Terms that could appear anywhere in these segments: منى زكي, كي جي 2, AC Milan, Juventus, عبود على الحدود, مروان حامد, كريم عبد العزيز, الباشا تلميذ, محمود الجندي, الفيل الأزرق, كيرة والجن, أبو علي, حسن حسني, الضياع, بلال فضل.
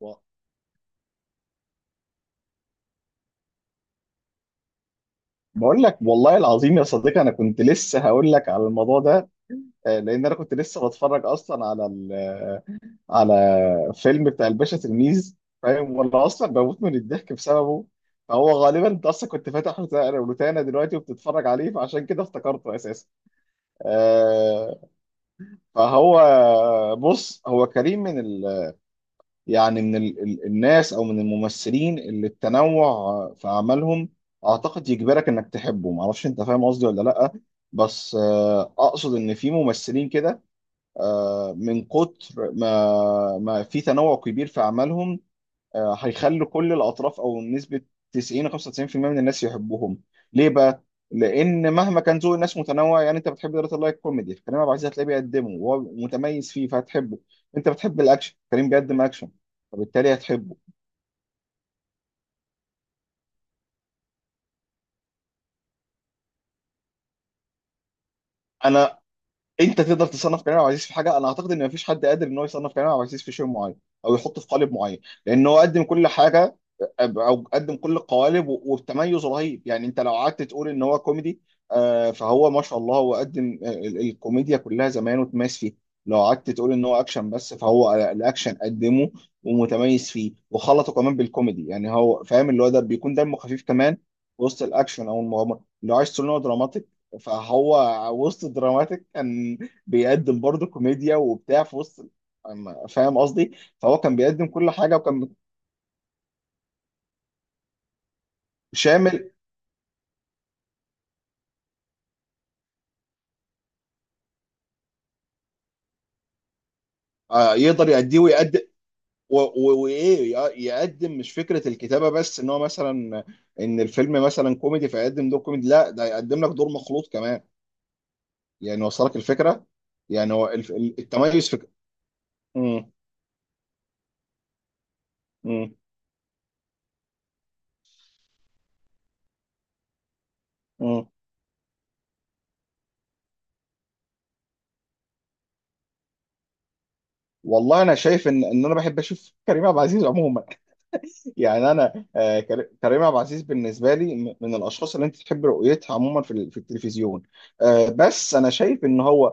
و- بقول لك والله العظيم يا صديقي، انا كنت لسه هقول لك على الموضوع ده. لان انا كنت لسه بتفرج اصلا على على فيلم بتاع الباشا تلميذ، فاهم؟ وانا اصلا بموت من الضحك بسببه. فهو غالبا انت اصلا كنت فاتح روتانا دلوقتي وبتتفرج عليه، فعشان كده افتكرته اساسا. آه، فهو بص، هو كريم يعني من ال الناس او من الممثلين اللي التنوع في اعمالهم اعتقد يجبرك انك تحبه. ما اعرفش انت فاهم قصدي ولا لا. بس اقصد ان في ممثلين كده، من كتر ما في تنوع كبير في اعمالهم، هيخلوا كل الاطراف او نسبه 90 95% من الناس يحبوهم. ليه بقى؟ لان مهما كان ذوق الناس متنوع، يعني انت بتحب دارة اللايت كوميدي، فكريم عبد العزيز هتلاقيه بيقدمه وهو متميز فيه فهتحبه. انت بتحب الاكشن، كريم بيقدم اكشن فبالتالي هتحبه. انا انت تقدر تصنف كريم عبد العزيز في حاجه؟ انا اعتقد ان مفيش حد قادر ان هو يصنف كريم عبد العزيز في شيء معين او يحطه في قالب معين، لان هو قدم كل حاجه او قدم كل القوالب و- وبتميز رهيب. يعني انت لو قعدت تقول ان هو كوميدي، فهو ما شاء الله هو قدم الكوميديا كلها زمان وتميز فيه. لو قعدت تقول ان هو اكشن بس، فهو الاكشن قدمه ومتميز فيه وخلطه كمان بالكوميدي، يعني هو فاهم اللي هو ده بيكون دمه خفيف كمان وسط الاكشن او المغامره. لو عايز تقول ان هو دراماتيك، فهو وسط دراماتيك كان بيقدم برضه كوميديا وبتاع في وسط. فاهم قصدي؟ فهو كان بيقدم كل حاجه وكان شامل. يقدر يأديه ويقدم، يقدم. مش فكره الكتابه بس ان هو مثلا ان الفيلم مثلا كوميدي فيقدم دور كوميدي، لا ده يقدم لك دور مخلوط كمان. يعني وصلك الفكره؟ التميز في مم. مم. مم. والله انا شايف ان انا بحب اشوف كريم عبد العزيز عموما. يعني انا كريم عبد العزيز بالنسبه لي من الاشخاص اللي انت تحب رؤيتها عموما في التلفزيون. بس انا شايف ان هو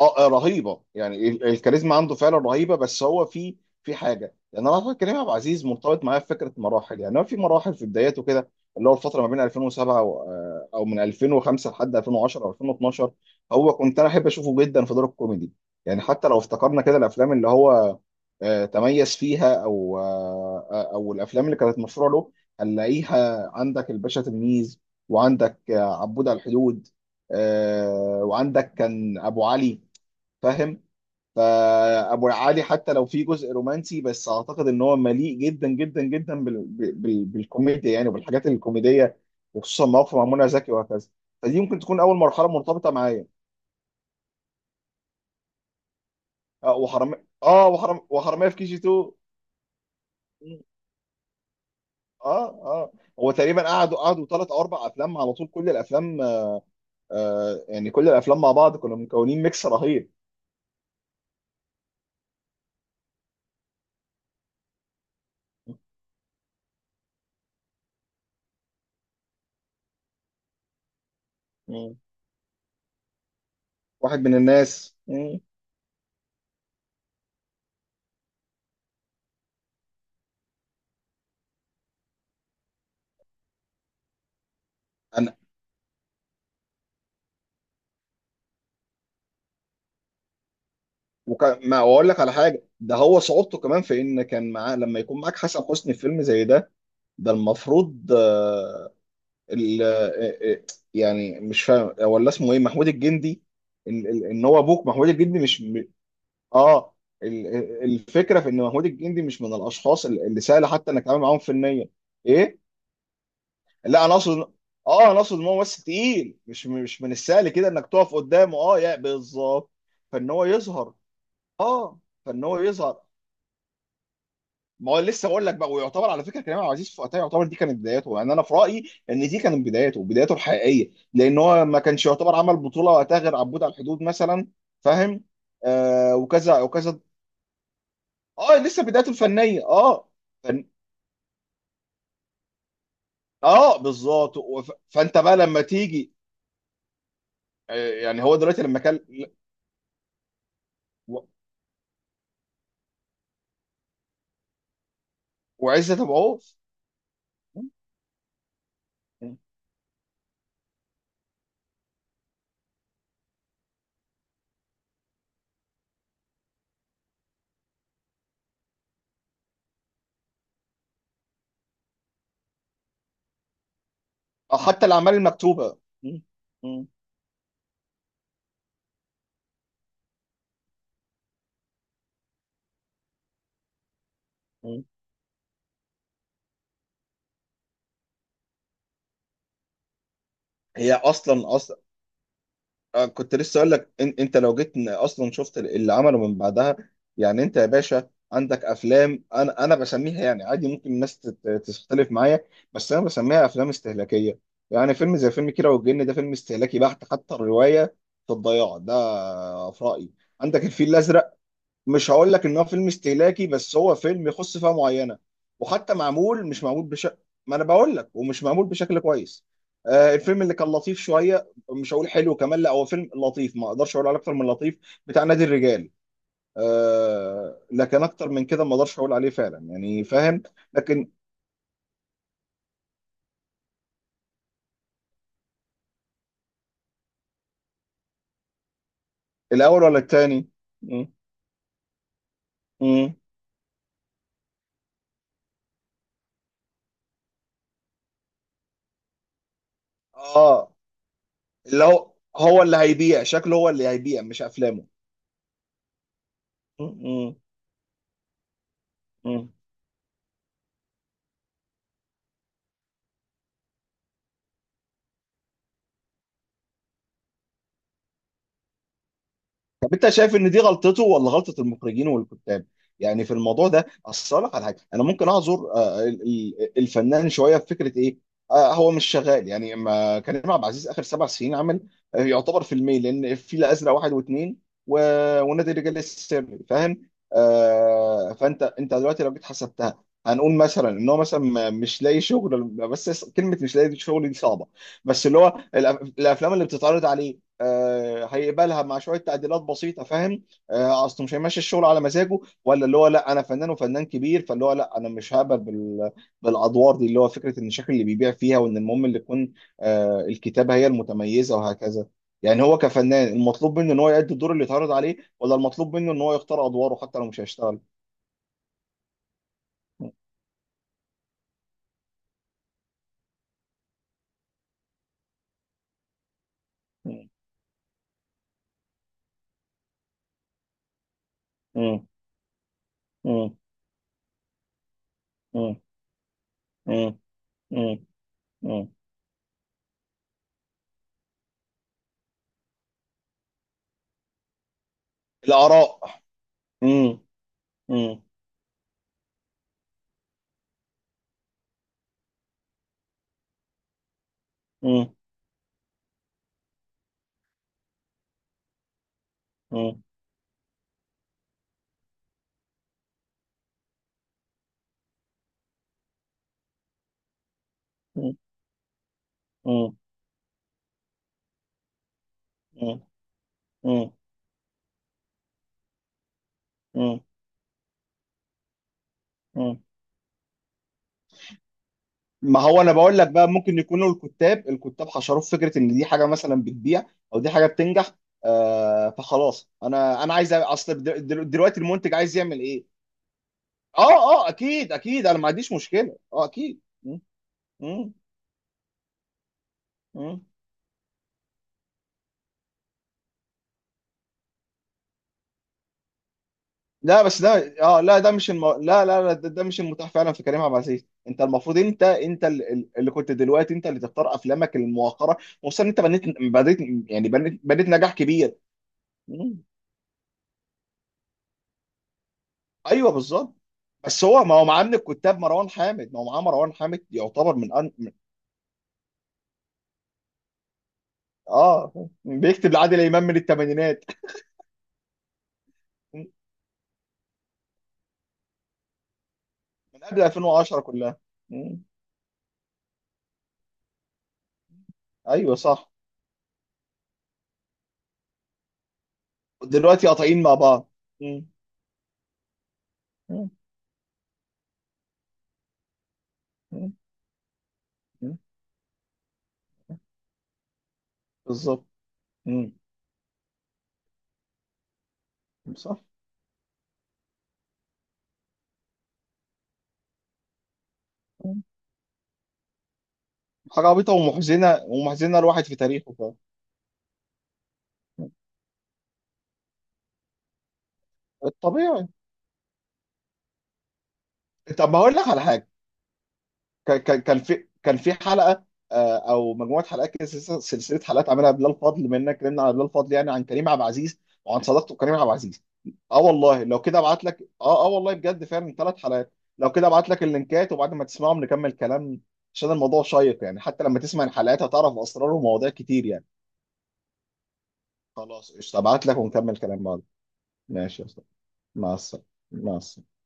اه، رهيبه. يعني الكاريزما عنده فعلا رهيبه، بس هو في حاجه. لان انا اعتقد كريم عبد العزيز مرتبط معايا في فكره مراحل. يعني هو في مراحل، في بداياته كده، اللي هو الفتره ما بين 2007 او من 2005 لحد 2010 او 2012، هو كنت انا احب اشوفه جدا في دور الكوميدي. يعني حتى لو افتكرنا كده الافلام اللي هو تميز فيها، او آه، آه، او الافلام اللي كانت مشهوره له، هنلاقيها عندك الباشا تلميذ، وعندك عبود على الحدود، وعندك كان ابو علي، فاهم؟ فابو علي حتى لو في جزء رومانسي، بس اعتقد ان هو مليء جدا جدا جدا بالكوميديا، يعني وبالحاجات الكوميديه، وخصوصا مواقف مع منى زكي وهكذا. فدي ممكن تكون اول مرحله مرتبطه معايا. وحرام وحراميه في كي جي 2. اه اه هو تقريبا قعدوا ثلاث او اربع افلام على طول، كل الافلام يعني كل الافلام مع بعض كنا مكونين ميكس رهيب. مم. واحد من الناس، مم. وكان ما اقول لك على حاجه، ده هو صعوبته كمان في ان كان معاه، لما يكون معاك حسن حسني في فيلم زي ده، المفروض ال- آه، آه، يعني، مش فاهم ولا اسمه ايه، محمود الجندي. ان إن- إن هو ابوك محمود الجندي، مش اه الفكره في ان محمود الجندي مش من الاشخاص اللي سهل حتى انك تعمل معاهم فنيا. ايه. لا، انا اقصد ان هو ممثل تقيل، مش من السهل كده انك تقف قدامه. اه، يا بالظبط. فان هو يظهر اه فان هو يظهر. ما هو لسه بقول لك بقى، ويعتبر على فكره كريم عبد العزيز في وقتها، يعتبر دي كانت بداياته. يعني انا في رايي ان دي كانت بداياته، بدايته الحقيقيه، لان هو ما كانش يعتبر عمل بطوله وقتها غير عبود على الحدود مثلا، فاهم؟ وكذا وكذا. اه، لسه بدايته الفنيه. اه فن... اه بالظبط. فانت بقى لما تيجي. يعني هو دلوقتي لما كان و... وعزت ابو عوف. حتى الاعمال المكتوبه م- م- م. هي أصلا، كنت لسه اقول لك إن انت لو جيت اصلا شفت اللي عمله من بعدها. يعني انت يا باشا عندك افلام انا بسميها يعني عادي، ممكن الناس تختلف معايا، بس انا بسميها افلام استهلاكيه. يعني فيلم زي فيلم كيرة والجن ده فيلم استهلاكي بحت، حتى الروايه في الضياع ده في رايي. عندك الفيل الازرق، مش هقول لك ان هو فيلم استهلاكي بس هو فيلم يخص فئه معينه، وحتى مش معمول بشكل، ما انا بقول لك ومش معمول بشكل كويس. الفيلم اللي كان لطيف شويه، مش هقول حلو كمان، لا هو فيلم لطيف، ما اقدرش اقول عليه اكتر من لطيف، بتاع نادي الرجال. لكن اكتر من كده ما اقدرش اقول عليه فعلا، يعني فاهم. لكن الاول ولا الثاني؟ اه، اللي هو اللي هيبيع، شكله هو اللي هيبيع مش افلامه. م- م- م. طب انت شايف ان دي غلطته ولا غلطه المخرجين والكتاب؟ يعني في الموضوع ده، اصل أقول لك على حاجه، انا ممكن اعذر الفنان شويه في فكره ايه، هو مش شغال. يعني ما كريم عبد العزيز اخر 7 سنين عمل يعتبر فيلمين، لان الفيل الازرق واحد واثنين و- ونادي الرجال السري، فاهم؟ فانت انت دلوقتي لو جيت حسبتها، هنقول مثلا ان هو مثلا مش لاقي شغل، بس كلمه مش لاقي شغل دي صعبه، بس اللي هو الافلام اللي بتتعرض عليه هيقبلها مع شويه تعديلات بسيطه، فاهم؟ اصله مش هيمشي الشغل على مزاجه، ولا اللي هو لا، انا فنان وفنان كبير، فاللي هو لا انا مش هقبل بالادوار دي، اللي هو فكره ان الشكل اللي بيبيع فيها، وان المهم اللي تكون الكتابه هي المتميزه وهكذا. يعني هو كفنان المطلوب منه ان هو يأدي الدور اللي اتعرض عليه ولا المطلوب منه ان هو يختار ادواره حتى لو مش هيشتغل؟ م- م- م- م- م- م- م- الاراء. م- م- م- م- م- م- م- مم. مم. ما هو انا بقول لك بقى، ممكن يكونوا الكتاب حشروا في فكره ان دي حاجه مثلا بتبيع او دي حاجه بتنجح. فخلاص انا عايز دلوقتي المنتج عايز يعمل ايه؟ اه اه، اكيد اكيد، انا ما عنديش مشكله، اه اكيد، مم. مم. لا، بس ده اه، لا ده مش لا لا لا، ده مش المتاح فعلا في كريم عبد العزيز. انت المفروض انت انت ال- ال- اللي كنت دلوقتي انت اللي تختار افلامك الموقره، خصوصا انت بنيت بنيت يعني بنيت بنيت نجاح كبير. ايوه بالظبط. بس هو، ما هو معاه من الكتاب مروان حامد ما هو معاه مروان حامد يعتبر من، اه، بيكتب لعادل امام من الثمانينات، من قبل 2010 كلها. مم. ايوه صح. دلوقتي قاطعين مع بعض. مم. مم. مم. مم. بالظبط. مم. صح. مم. حاجه عبيطه ومحزنه، الواحد في تاريخه فعلا. الطبيعي. طب ما هقول لك على حاجه، كان في حلقه، او مجموعه حلقات كده، سلسلة حلقات عملها بلال فضل، بما اننا اتكلمنا على بلال فضل، يعني عن كريم عبد العزيز وعن صداقته بكريم عبد العزيز. والله بجد فعلا ثلاث حلقات، لو كده ابعت لك اللينكات وبعد ما تسمعهم نكمل كلام. عشان الموضوع شيق يعني، حتى لما تسمع الحلقات هتعرف اسرار ومواضيع كتير يعني. خلاص قشطه، ابعت لك ونكمل كلام بعد. ماشي يا استاذ، مع السلامه، مع السلامه.